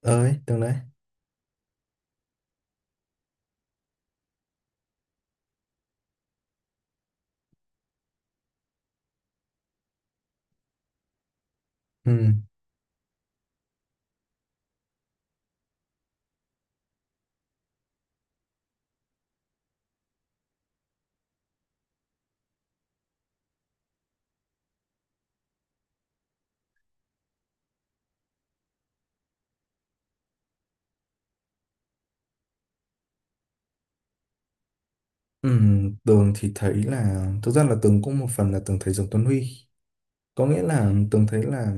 Ơi Tường đấy. Ừ. Ừ. Tường thì thấy là thực ra là Tường cũng một phần là Tường thấy giống Tuấn Huy, có nghĩa là Tường thấy là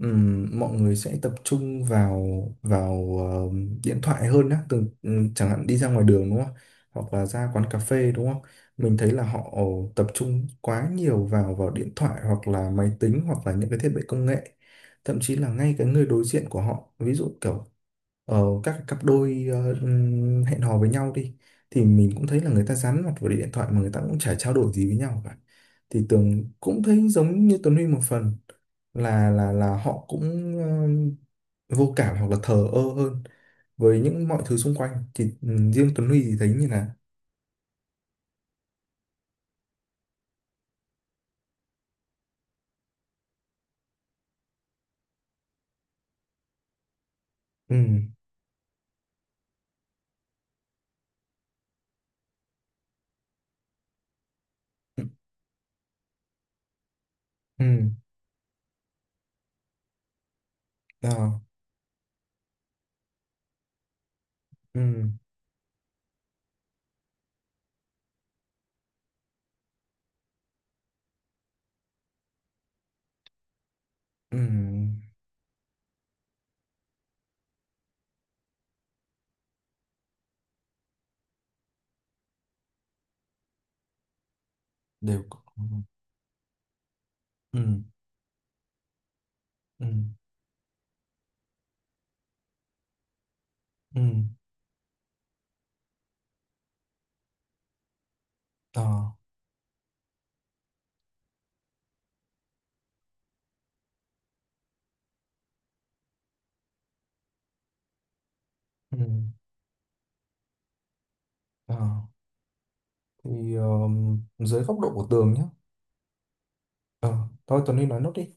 mọi người sẽ tập trung vào vào ờ, điện thoại hơn á. Tường chẳng hạn đi ra ngoài đường đúng không? Hoặc là ra quán cà phê đúng không? Mình thấy là họ tập trung quá nhiều vào vào điện thoại hoặc là máy tính hoặc là những cái thiết bị công nghệ, thậm chí là ngay cái người đối diện của họ, ví dụ kiểu các cặp đôi hẹn hò với nhau đi, thì mình cũng thấy là người ta dán mặt vào điện thoại mà người ta cũng chả trao đổi gì với nhau cả. Thì Tường cũng thấy giống như Tuấn Huy một phần, là họ cũng ờ, vô cảm hoặc là thờ ơ hơn với những mọi thứ xung quanh, thì riêng Tuấn Huy thì thấy như là. Ừ. Ừ. Ừ. Ờ. Ừ. Ừ. Đều có-. Ừ. Ừ. Ừ. Ờ. Ừ. Ờ. Thì dưới góc độ của Tường nhé. ờ Thôi Tuấn Huy nói nốt đi.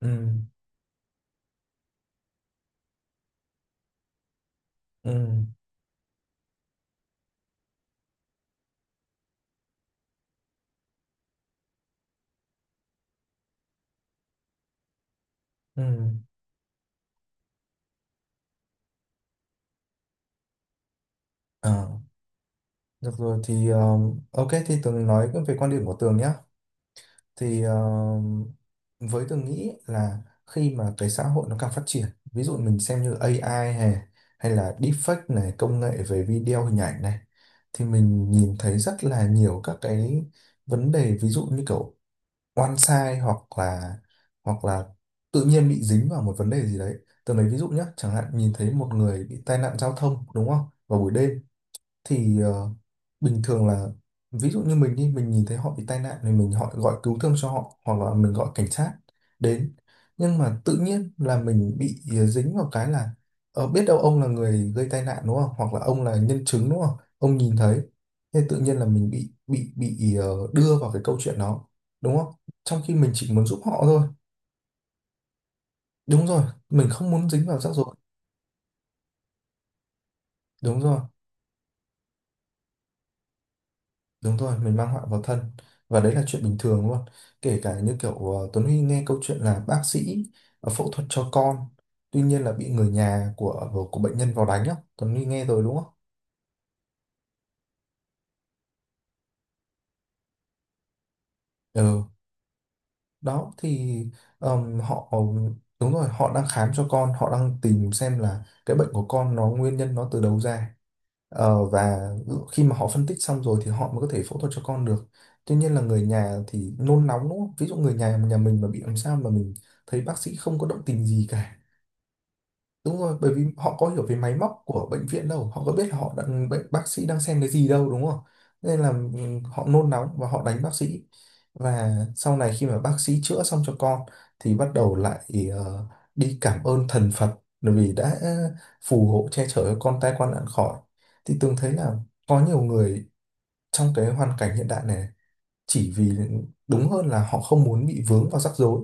Ừ. Ừ. Ừ. Ờ. Được rồi thì ok, thì Tường nói về quan điểm của Tường nhé. Thì với Tường nghĩ là khi mà cái xã hội nó càng phát triển, ví dụ mình xem như AI hay hay là deepfake này, công nghệ về video hình ảnh này, thì mình nhìn thấy rất là nhiều các cái vấn đề, ví dụ như kiểu oan sai hoặc là hoặc là tự nhiên bị dính vào một vấn đề gì đấy. Tường lấy ví dụ nhé, chẳng hạn nhìn thấy một người bị tai nạn giao thông đúng không, vào buổi đêm, thì bình thường là ví dụ như mình đi mình nhìn thấy họ bị tai nạn thì mình họ gọi cứu thương cho họ hoặc là mình gọi cảnh sát đến, nhưng mà tự nhiên là mình bị dính vào cái là biết đâu ông là người gây tai nạn đúng không, hoặc là ông là nhân chứng đúng không, ông nhìn thấy, thế tự nhiên là mình bị đưa vào cái câu chuyện đó, đúng không? Trong khi mình chỉ muốn giúp họ thôi. Đúng rồi, mình không muốn dính vào rắc rối. Đúng rồi. Đúng rồi, mình mang họa vào thân, và đấy là chuyện bình thường luôn. Kể cả như kiểu Tuấn Huy nghe câu chuyện là bác sĩ phẫu thuật cho con, tuy nhiên là bị người nhà của bệnh nhân vào đánh á, Tuấn Huy nghe rồi đúng không? Ừ, đó thì họ. Đúng rồi, họ đang khám cho con, họ đang tìm xem là cái bệnh của con nó nguyên nhân nó từ đâu ra. Ờ, và khi mà họ phân tích xong rồi thì họ mới có thể phẫu thuật cho con được. Tuy nhiên là người nhà thì nôn nóng đúng không? Ví dụ người nhà nhà mình mà bị làm sao mà mình thấy bác sĩ không có động tình gì cả. Đúng rồi, bởi vì họ có hiểu về máy móc của bệnh viện đâu, họ có biết là họ đang bệnh bác sĩ đang xem cái gì đâu đúng không? Nên là họ nôn nóng và họ đánh bác sĩ. Và sau này khi mà bác sĩ chữa xong cho con thì bắt đầu lại ờ, đi cảm ơn thần Phật, bởi vì đã phù hộ che chở cho con tai qua nạn khỏi. Thì Tường thấy là có nhiều người trong cái hoàn cảnh hiện đại này, chỉ vì đúng hơn là họ không muốn bị vướng vào rắc rối,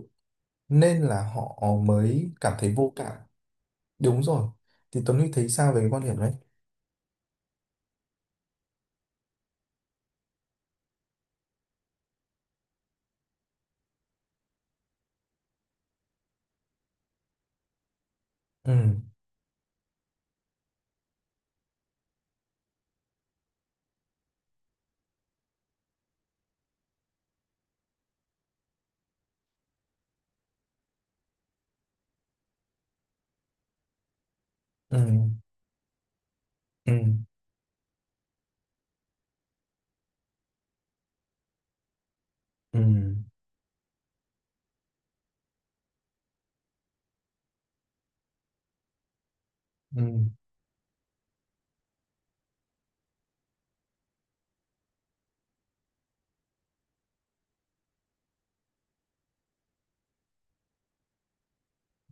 nên là họ mới cảm thấy vô cảm. Đúng rồi. Thì Tuấn Huy thấy sao về cái quan điểm đấy? Ừ. Ừ. Ừ. Ừ. Ừ.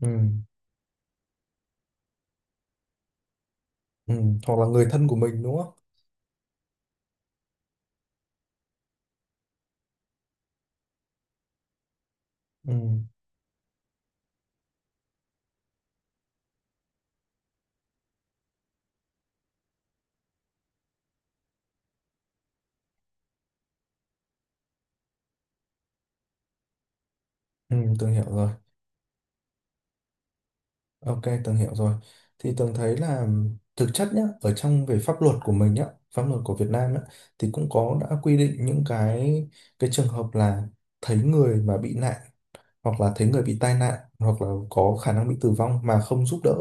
Ừ. Ừ. Hoặc là người thân của mình đúng không? Ừ. Ừ. Tường hiểu rồi. Ok, Tường hiểu rồi. Thì Tường thấy là thực chất nhá, ở trong về pháp luật của mình nhá, pháp luật của Việt Nam nhá, thì cũng có đã quy định những cái trường hợp là thấy người mà bị nạn hoặc là thấy người bị tai nạn hoặc là có khả năng bị tử vong mà không giúp đỡ,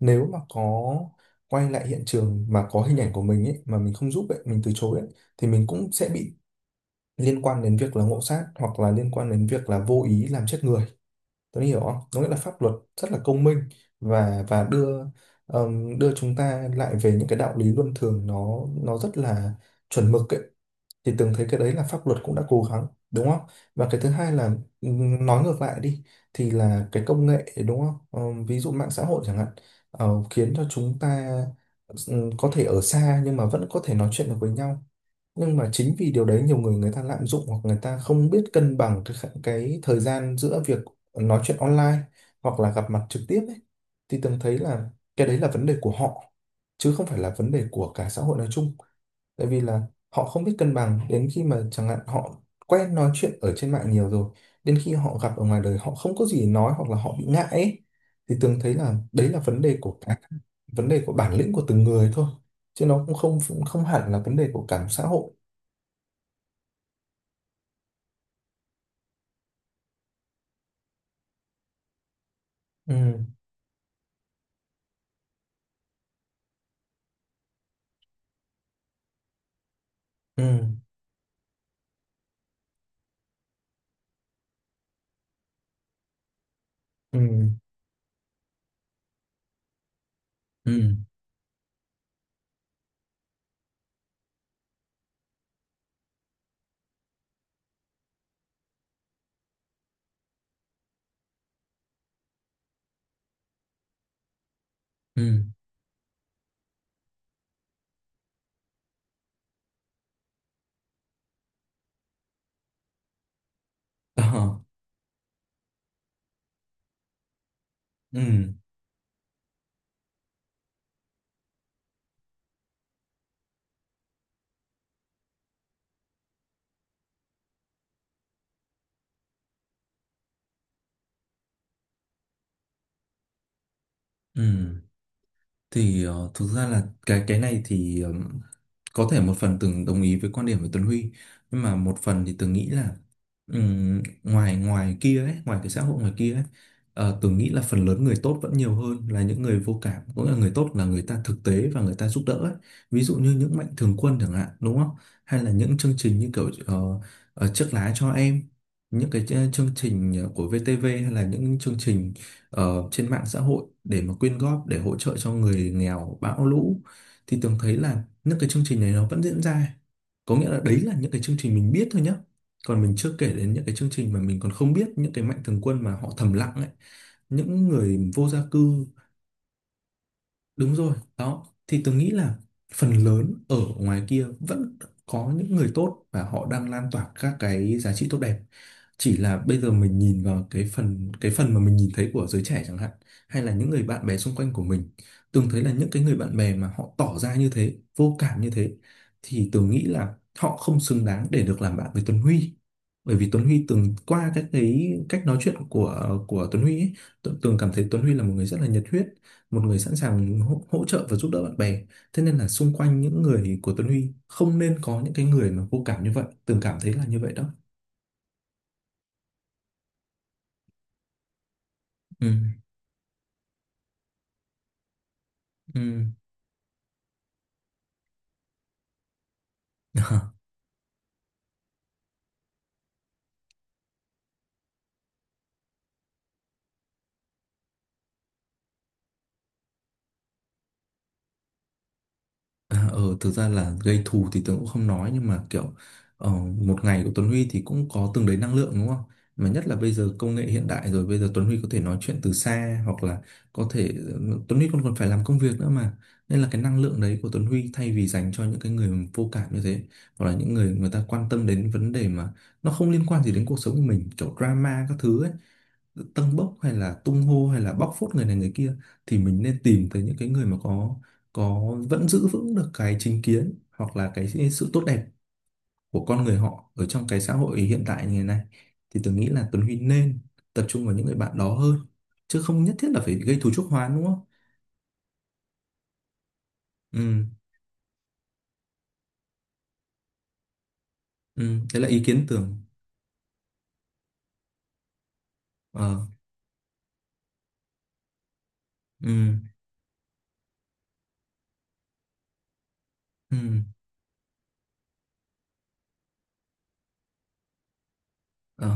nếu mà có quay lại hiện trường mà có hình ảnh của mình ấy mà mình không giúp ấy mình từ chối ấy, thì mình cũng sẽ bị liên quan đến việc là ngộ sát hoặc là liên quan đến việc là vô ý làm chết người. Tôi hiểu không, có nghĩa là pháp luật rất là công minh, và đưa đưa chúng ta lại về những cái đạo lý luân thường, nó rất là chuẩn mực ấy, thì Tường thấy cái đấy là pháp luật cũng đã cố gắng đúng không? Và cái thứ hai là nói ngược lại đi thì là cái công nghệ đúng không? Ờ, ví dụ mạng xã hội chẳng hạn, khiến cho chúng ta có thể ở xa nhưng mà vẫn có thể nói chuyện được với nhau, nhưng mà chính vì điều đấy nhiều người người ta lạm dụng hoặc người ta không biết cân bằng cái cái thời gian giữa việc nói chuyện online hoặc là gặp mặt trực tiếp ấy, thì Tường thấy là cái đấy là vấn đề của họ, chứ không phải là vấn đề của cả xã hội nói chung, tại vì là họ không biết cân bằng đến khi mà chẳng hạn họ quen nói chuyện ở trên mạng nhiều rồi, đến khi họ gặp ở ngoài đời họ không có gì để nói hoặc là họ bị ngại ấy. Thì Tường thấy là đấy là vấn đề của bản lĩnh của từng người thôi, chứ nó cũng không hẳn là vấn đề của cả một xã hội. Ừ. Ừ. Ừ. Ừ. Ừ. Ờ. Ừ. Ừ. Thì thực ra là cái này thì có thể một phần từng đồng ý với quan điểm của Tuấn Huy, nhưng mà một phần thì từng nghĩ là ngoài ngoài kia ấy, ngoài cái xã hội ngoài kia ấy, từng nghĩ là phần lớn người tốt vẫn nhiều hơn là những người vô cảm, cũng là người tốt là người ta thực tế và người ta giúp đỡ ấy. Ví dụ như những mạnh thường quân chẳng hạn đúng không? Hay là những chương trình như kiểu chiếc lá cho em, những cái chương trình của VTV hay là những chương trình trên mạng xã hội để mà quyên góp để hỗ trợ cho người nghèo bão lũ, thì Tường thấy là những cái chương trình này nó vẫn diễn ra, có nghĩa là đấy là những cái chương trình mình biết thôi nhá, còn mình chưa kể đến những cái chương trình mà mình còn không biết, những cái mạnh thường quân mà họ thầm lặng ấy, những người vô gia cư. Đúng rồi, đó. Thì tôi nghĩ là phần lớn ở ngoài kia vẫn có những người tốt và họ đang lan tỏa các cái giá trị tốt đẹp. Chỉ là bây giờ mình nhìn vào cái phần mà mình nhìn thấy của giới trẻ chẳng hạn, hay là những người bạn bè xung quanh của mình, Tường thấy là những cái người bạn bè mà họ tỏ ra như thế, vô cảm như thế, thì Tường nghĩ là họ không xứng đáng để được làm bạn với Tuấn Huy. Bởi vì Tuấn Huy từng qua các cái cách nói chuyện của Tuấn Huy ấy, Tường Tường cảm thấy Tuấn Huy là một người rất là nhiệt huyết, một người sẵn sàng hỗ trợ và giúp đỡ bạn bè, thế nên là xung quanh những người của Tuấn Huy không nên có những cái người mà vô cảm như vậy, Tường cảm thấy là như vậy đó. Ừ. Ừ. À, ừ, thực ra là gây thù thì Tuấn cũng không nói nhưng mà kiểu ờ, một ngày của Tuấn Huy thì cũng có từng đấy năng lượng đúng không? Mà nhất là bây giờ công nghệ hiện đại rồi, bây giờ Tuấn Huy có thể nói chuyện từ xa hoặc là có thể Tuấn Huy còn còn phải làm công việc nữa mà, nên là cái năng lượng đấy của Tuấn Huy thay vì dành cho những cái người vô cảm như thế, hoặc là những người người ta quan tâm đến vấn đề mà nó không liên quan gì đến cuộc sống của mình kiểu drama các thứ ấy, tâng bốc hay là tung hô hay là bóc phốt người này người kia, thì mình nên tìm tới những cái người mà có vẫn giữ vững được cái chính kiến hoặc là cái sự tốt đẹp của con người họ ở trong cái xã hội hiện tại như thế này, thì tôi nghĩ là Tuấn Huy nên tập trung vào những người bạn đó hơn, chứ không nhất thiết là phải gây thù chuốc oán đúng không? Ừ. Ừ. Đấy là ý kiến tưởng. Ờ. Ừ. Ừ. Ờ.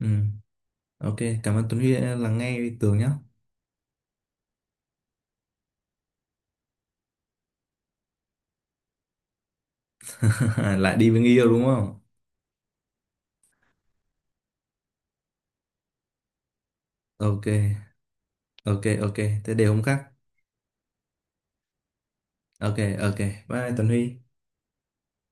Ừ. Ok, cảm ơn Tuấn Huy đã lắng nghe Tường nhé. Lại đi với người yêu đúng không? Ok. Ok, ok, thế để hôm khác. Ok, ok, bye Tuấn Huy.